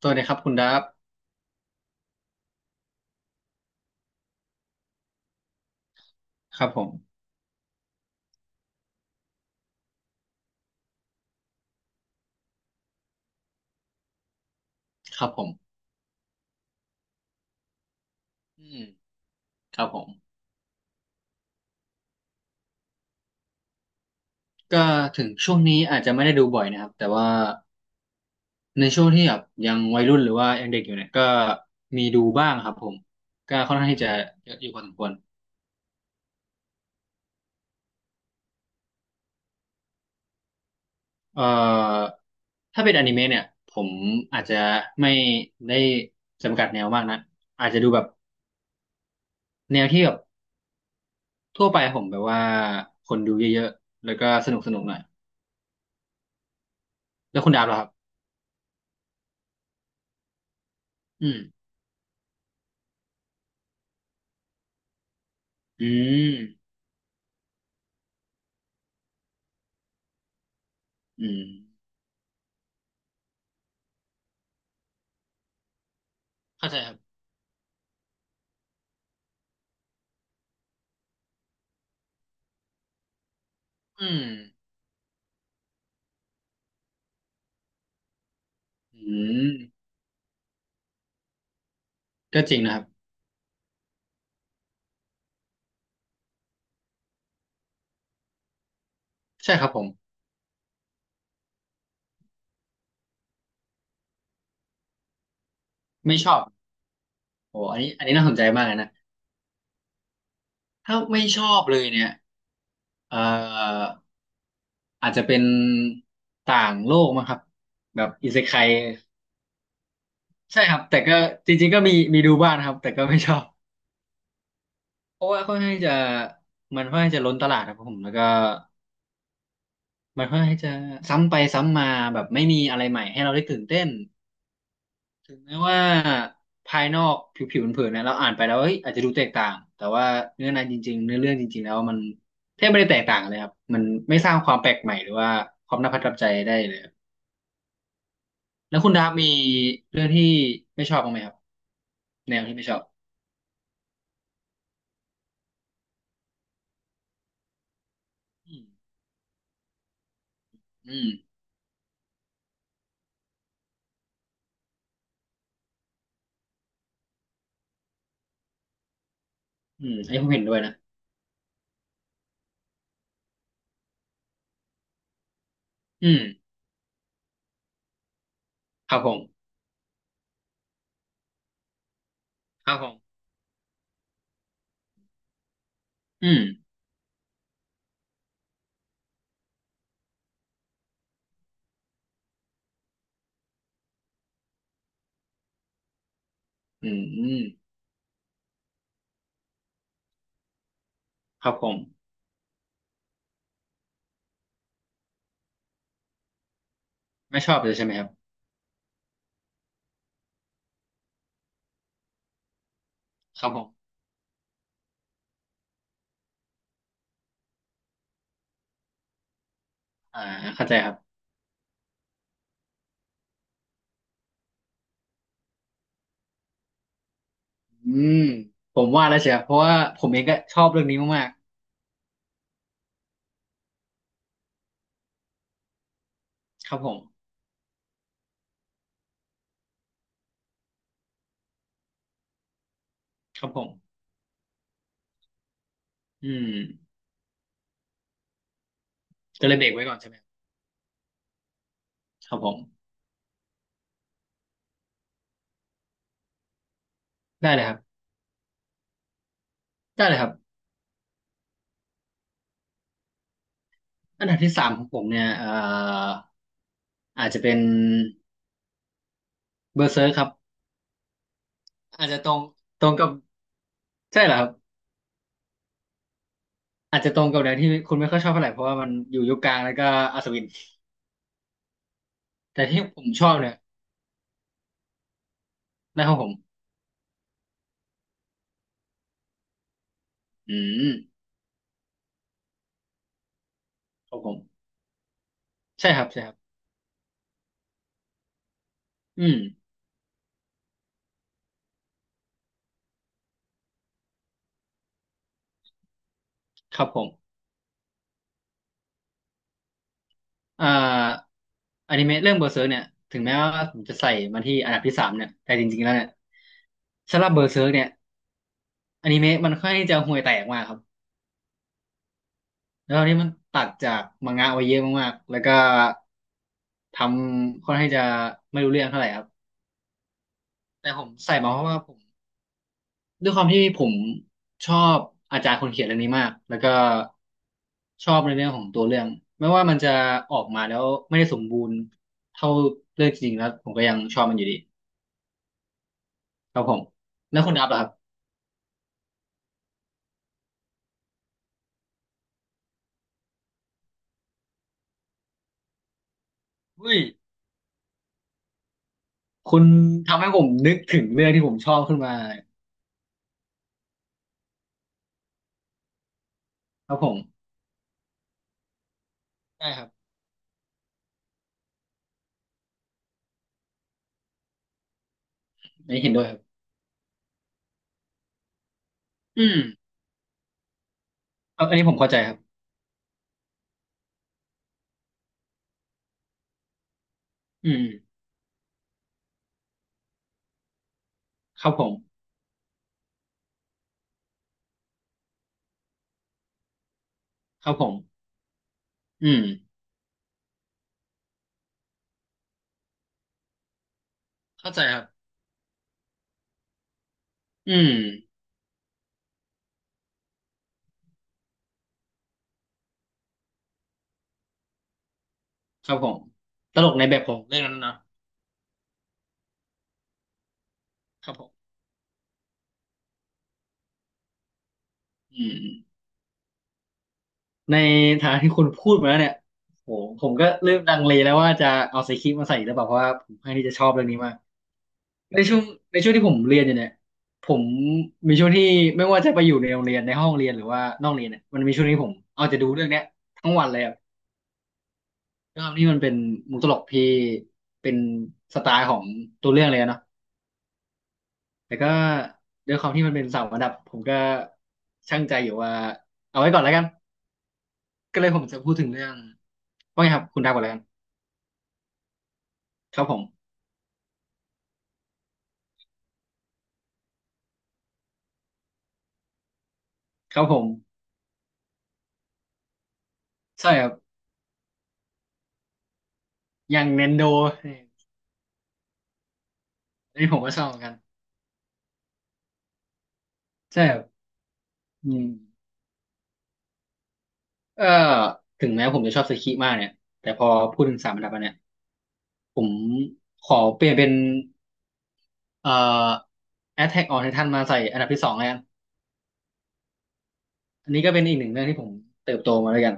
สวัสดีครับคุณดับครับผมครับผมอืมครับผมก็ถึงช่วงนี้อาจจะไม่ได้ดูบ่อยนะครับแต่ว่าในช่วงที่แบบยังวัยรุ่นหรือว่ายังเด็กอยู่เนี่ยก็มีดูบ้างครับผม ก็ค่อนข้างที่จะเยอะอยู่พอสมควรเอ่อถ้าเป็นอนิเมะเนี่ยผมอาจจะไม่ได้จำกัดแนวมากนะ อาจจะดูแบบแนวที่แบบทั่วไปครับผมแบบว่าคนดูเยอะๆแล้วก็สนุกสนุกหน่อยแล้วคุณดับล่ะครับอืมอืมอืม เข้าใจครับอืมอืมก็จริงนะครับใช่ครับผมไม่ชอบโอ้อันนี้อันนี้น่าสนใจมากเลยนะ ถ้าไม่ชอบเลยเนี่ยเอ่ออาจจะเป็นต่างโลกมั้งครับแบบอิเซไคใช่ครับแต่ก็จริงๆก็มีมีดูบ้างนะครับแต่ก็ไม่ชอบเพราะว่าค่อนข้างจะมันค่อนข้างจะล้นตลาดครับผมแล้วก็มันค่อนข้างจะซ้ำไปซ้ำมาแบบไม่มีอะไรใหม่ให้เราได้ตื่นเต้น ถึงแม้ว่าภายนอกผิวๆเผินๆนะเราอ่านไปแล้วเฮ้ยอาจจะดูแตกต่างแต่ว่าเนื้อในจริงๆเนื้อเรื่องจริงๆแล้วมันแทบไม่ได้แตกต่างเลยครับมันไม่สร้างความแปลกใหม่หรือว่าความน่าประทับใจได้เลยครับแล้วคุณดาบมีเรื่องที่ไม่ชอบบ้างไหมครับแนวที่ไม่ชอบอืมอืมอืมอันนี้ผมเห็นด้วยนะอืมครับผมครับผมอืมอืมอืมครับผมไม่ชอบเลยใช่ไหมครับครับผมอ่าเข้าใจครับอืมผมว่าแล้วเชียวเพราะว่าผมเองก็ชอบเรื่องนี้มาก ครับผมครับผมอืมก็เลยเบรกไว้ก่อนใช่ไหมครับผมได้เลยครับได้เลยครับอันดับที่สามของผมเนี่ยอาจจะเป็นเบอร์เซอร์ครับอาจจะตรงตรงกับใช่เหรอครับอาจจะตรงกับแนวที่คุณไม่ค่อยชอบเท่าไหร่เพราะว่ามันอยู่ยุคกลางแล้วก็อัศวินแต่ที่ผมชอบเนี่ยนะครับผมอืมครับผมใช่ครับใช่ครับอืมครับผมเอ่ออนิเมะเรื่องเบอร์เซอร์เนี่ยถึงแม้ว่าผมจะใส่มาที่อันดับที่สามเนี่ยแต่จริงๆแล้วเนี่ยสำหรับเบอร์เซอร์เนี่ย อนิเมะมันค่อนข้างที่จะห่วยแตกมากครับแล้วตอนนี้มันตัดจากมังงะไว้เยอะมากๆแล้วก็ทำค่อนข้างที่จะไม่รู้เรื่องเท่าไหร่ครับแต่ผมใส่มาเพราะว่าผมด้วยความที่ผมชอบอาจารย์คนเขียนเรื่องนี้มากแล้วก็ชอบในเรื่องของตัวเรื่องไม่ว่ามันจะออกมาแล้วไม่ได้สมบูรณ์เท่าเรื่องจริงแล้วผมก็ยังชอบมันอยู่ดีครับผมแล้วคุณอับล่ะครับอุ้ยคุณทำให้ผมนึกถึงเรื่องที่ผมชอบขึ้นมาครับผมได้ครับอันนี้เห็นด้วยครับอืม เอออันนี้ผมเข้าใจครับอืมครับผมครับผมอืมเข้าใจครับอืมครับผมตลกในแบบของเรื่องนั้นนะครับผมอืมในฐานะที่คุณพูดมาแล้วเนี่ยโหผมก็เริ่มลังเลแล้วว่าจะเอาไซคิมาใส่หรือเปล่าเพราะว่าผมค่อนข้างที่จะชอบเรื่องนี้มากในช่วงในช่วงที่ผมเรียนอยู่เนี่ยผมมีช่วงที่ไม่ว่าจะไปอยู่ในโรงเรียนในห้องเรียนหรือว่านอกเรียนเนี่ยมันมีช่วงที่ผมเอาจะดูเรื่องเนี้ยทั้งวันเลยครับด้วยความที่มันเป็นมุกตลกที่เป็นสไตล์ของตัวเรื่องเลยอะเนาะ แต่ก็ด้วยความที่มันเป็นเสารระดับผมก็ช่างใจอยู่ว่าเอาไว้ก่อนแล้วกันก็เลยผมจะพูดถึงเรื่องว่าไงครับคุณดาวก่อนแล้วกันครับผมครับผมใช่ครับอย่างเนนโดนี่ผมก็ชอบเหมือนกันใช่ครับอืมเออถึงแม้ผมจะชอบสคิมากเนี่ยแต่พอพูดถึงสามอันดับอันเนี่ยผมขอเปลี่ยนเป็นเอ่อ Attack on Titan มาใส่อันดับที่สองแล้วกันอันนี้ก็เป็นอีกหนึ่งเรื่องที่ผมเติบโตมาด้วยกัน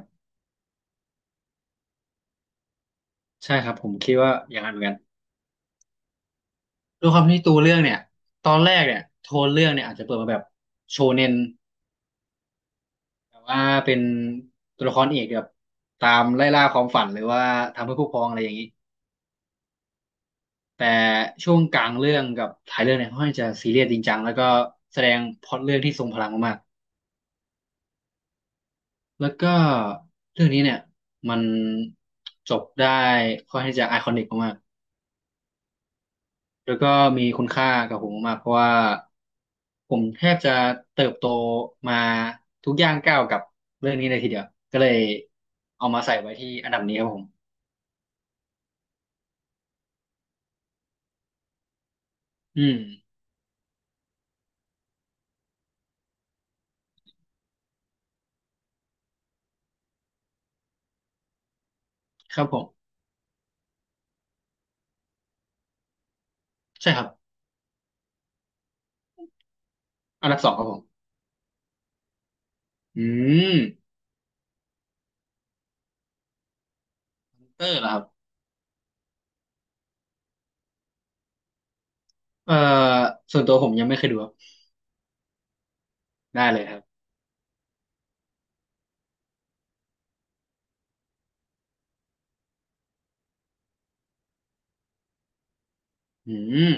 ใช่ครับผมคิดว่าอย่างนั้นเหมือนกัน ด้วยความที่ตัวเรื่องเนี่ยตอนแรกเนี่ยโทนเรื่องเนี่ยอาจจะเปิดมาแบบโชเน็นแต่ว่าเป็นตัวละครเอกแบบตามไล่ล่าความฝันหรือว่าทำเพื่อผู้พรองอะไรอย่างนี้แต่ช่วงกลางเรื่องกับท้ายเรื่องเนี่ยค่อนข้างจะซีเรียสจริงจังแล้วก็แสดงพล็อตเรื่องที่ทรงพลังมากๆแล้วก็เรื่องนี้เนี่ยมันจบได้ค่อนข้างที่จะไอคอนิกมากๆ แล้วก็มีคุณค่ากับผมมากเพราะว่าผมแทบจะเติบโตมาทุกย่างก้าวกับเรื่องนี้เลยทีเดียวก็เลยเอามาใส่ไว้ที่อันดับนี้ครับผมอืมครับผมใช่ครับอันดับสองครับผมอืมเตอร์เหรอครับเอ่อส่วนตัวผมยังไม่เคยดูครับได้เลยครับอืม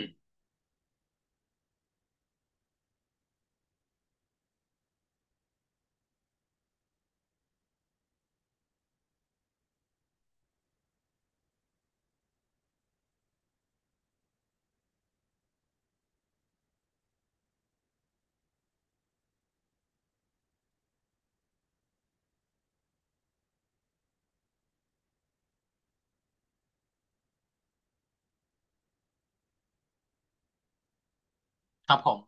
ครับผม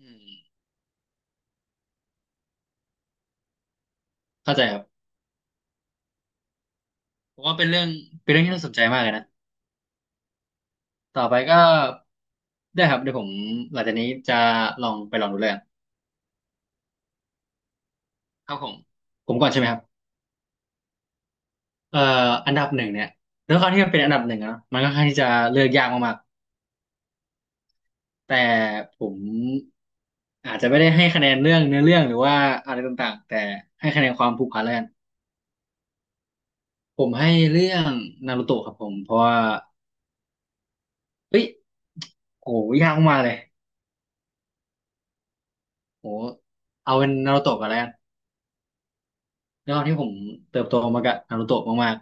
อืมเข้าใจครับผมว่าเป็นเรื่องเป็นเรื่องที่น่าสนใจมากเลยนะต่อไปก็ได้ครับเดี๋ยวผมหลังจากนี้จะลองไปลองดูเรืครับผมผมก่อนใช่ไหมครับ เอ่ออันดับหนึ่งเนี่ยด้วยความที่มันเป็นอันดับหนึ่งอะเนาะมันก็ค่อนข้างที่จะเลือกยากมากๆแต่ผมอาจจะไม่ได้ให้คะแนนเรื่องเนื้อเรื่องหรือว่าอะไรต่างๆแต่ให้คะแนนความผูกพันแล้วกันผมให้เรื่องนารูโตะครับผมเพราะว่าเฮ้ยโหยากมากเลยโหเอาเป็นนารูโตะกันแล้วกันด้วยความที่ผมเติบโตมากับนารูโตะมาก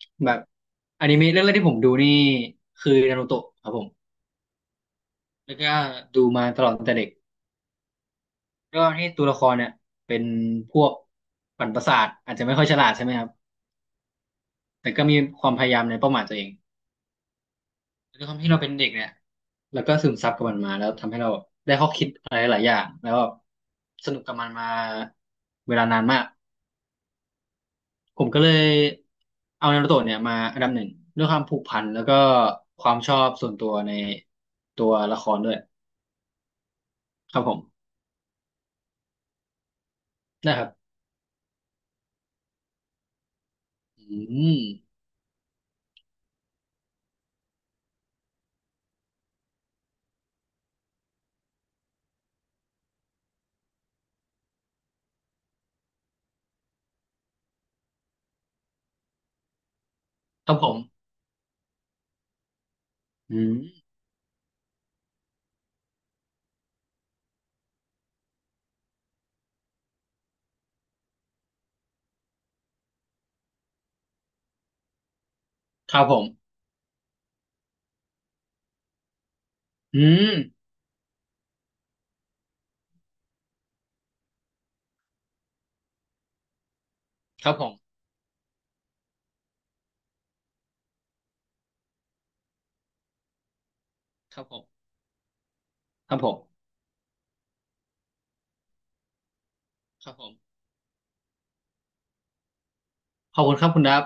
ๆแบบอนิเมะเรื่องแรกที่ผมดูนี่คือนารูโตะครับผมแล้วก็ดูมาตลอดตั้งแต่เด็ก ด้วยความที่ตัวละครเนี่ยเป็นพวกปั่นประสาทอาจจะไม่ค่อยฉลาดใช่ไหมครับแต่ก็มีความพยายามในเป้าหมายตัวเองแล้วด้วยความที่เราเป็นเด็กเนี่ยแล้วก็ซึมซับกับมันมาแล้วทำให้เราได้ข้อคิดอะไรหลายอย่างแล้วแบบสนุกกับมันมาเวลานานมากผมก็เลยเอานารูโตะเนี่ยมาอันดับหนึ่งด้วยความผูกพันแล้วก็ความชอบส่วนตัวในตัวละครด้วยครับผมนะครับอืมครับผมอืมครับผมอืมครับผมครับผมครับผม ครับผมขอบคุณครับคุณดับ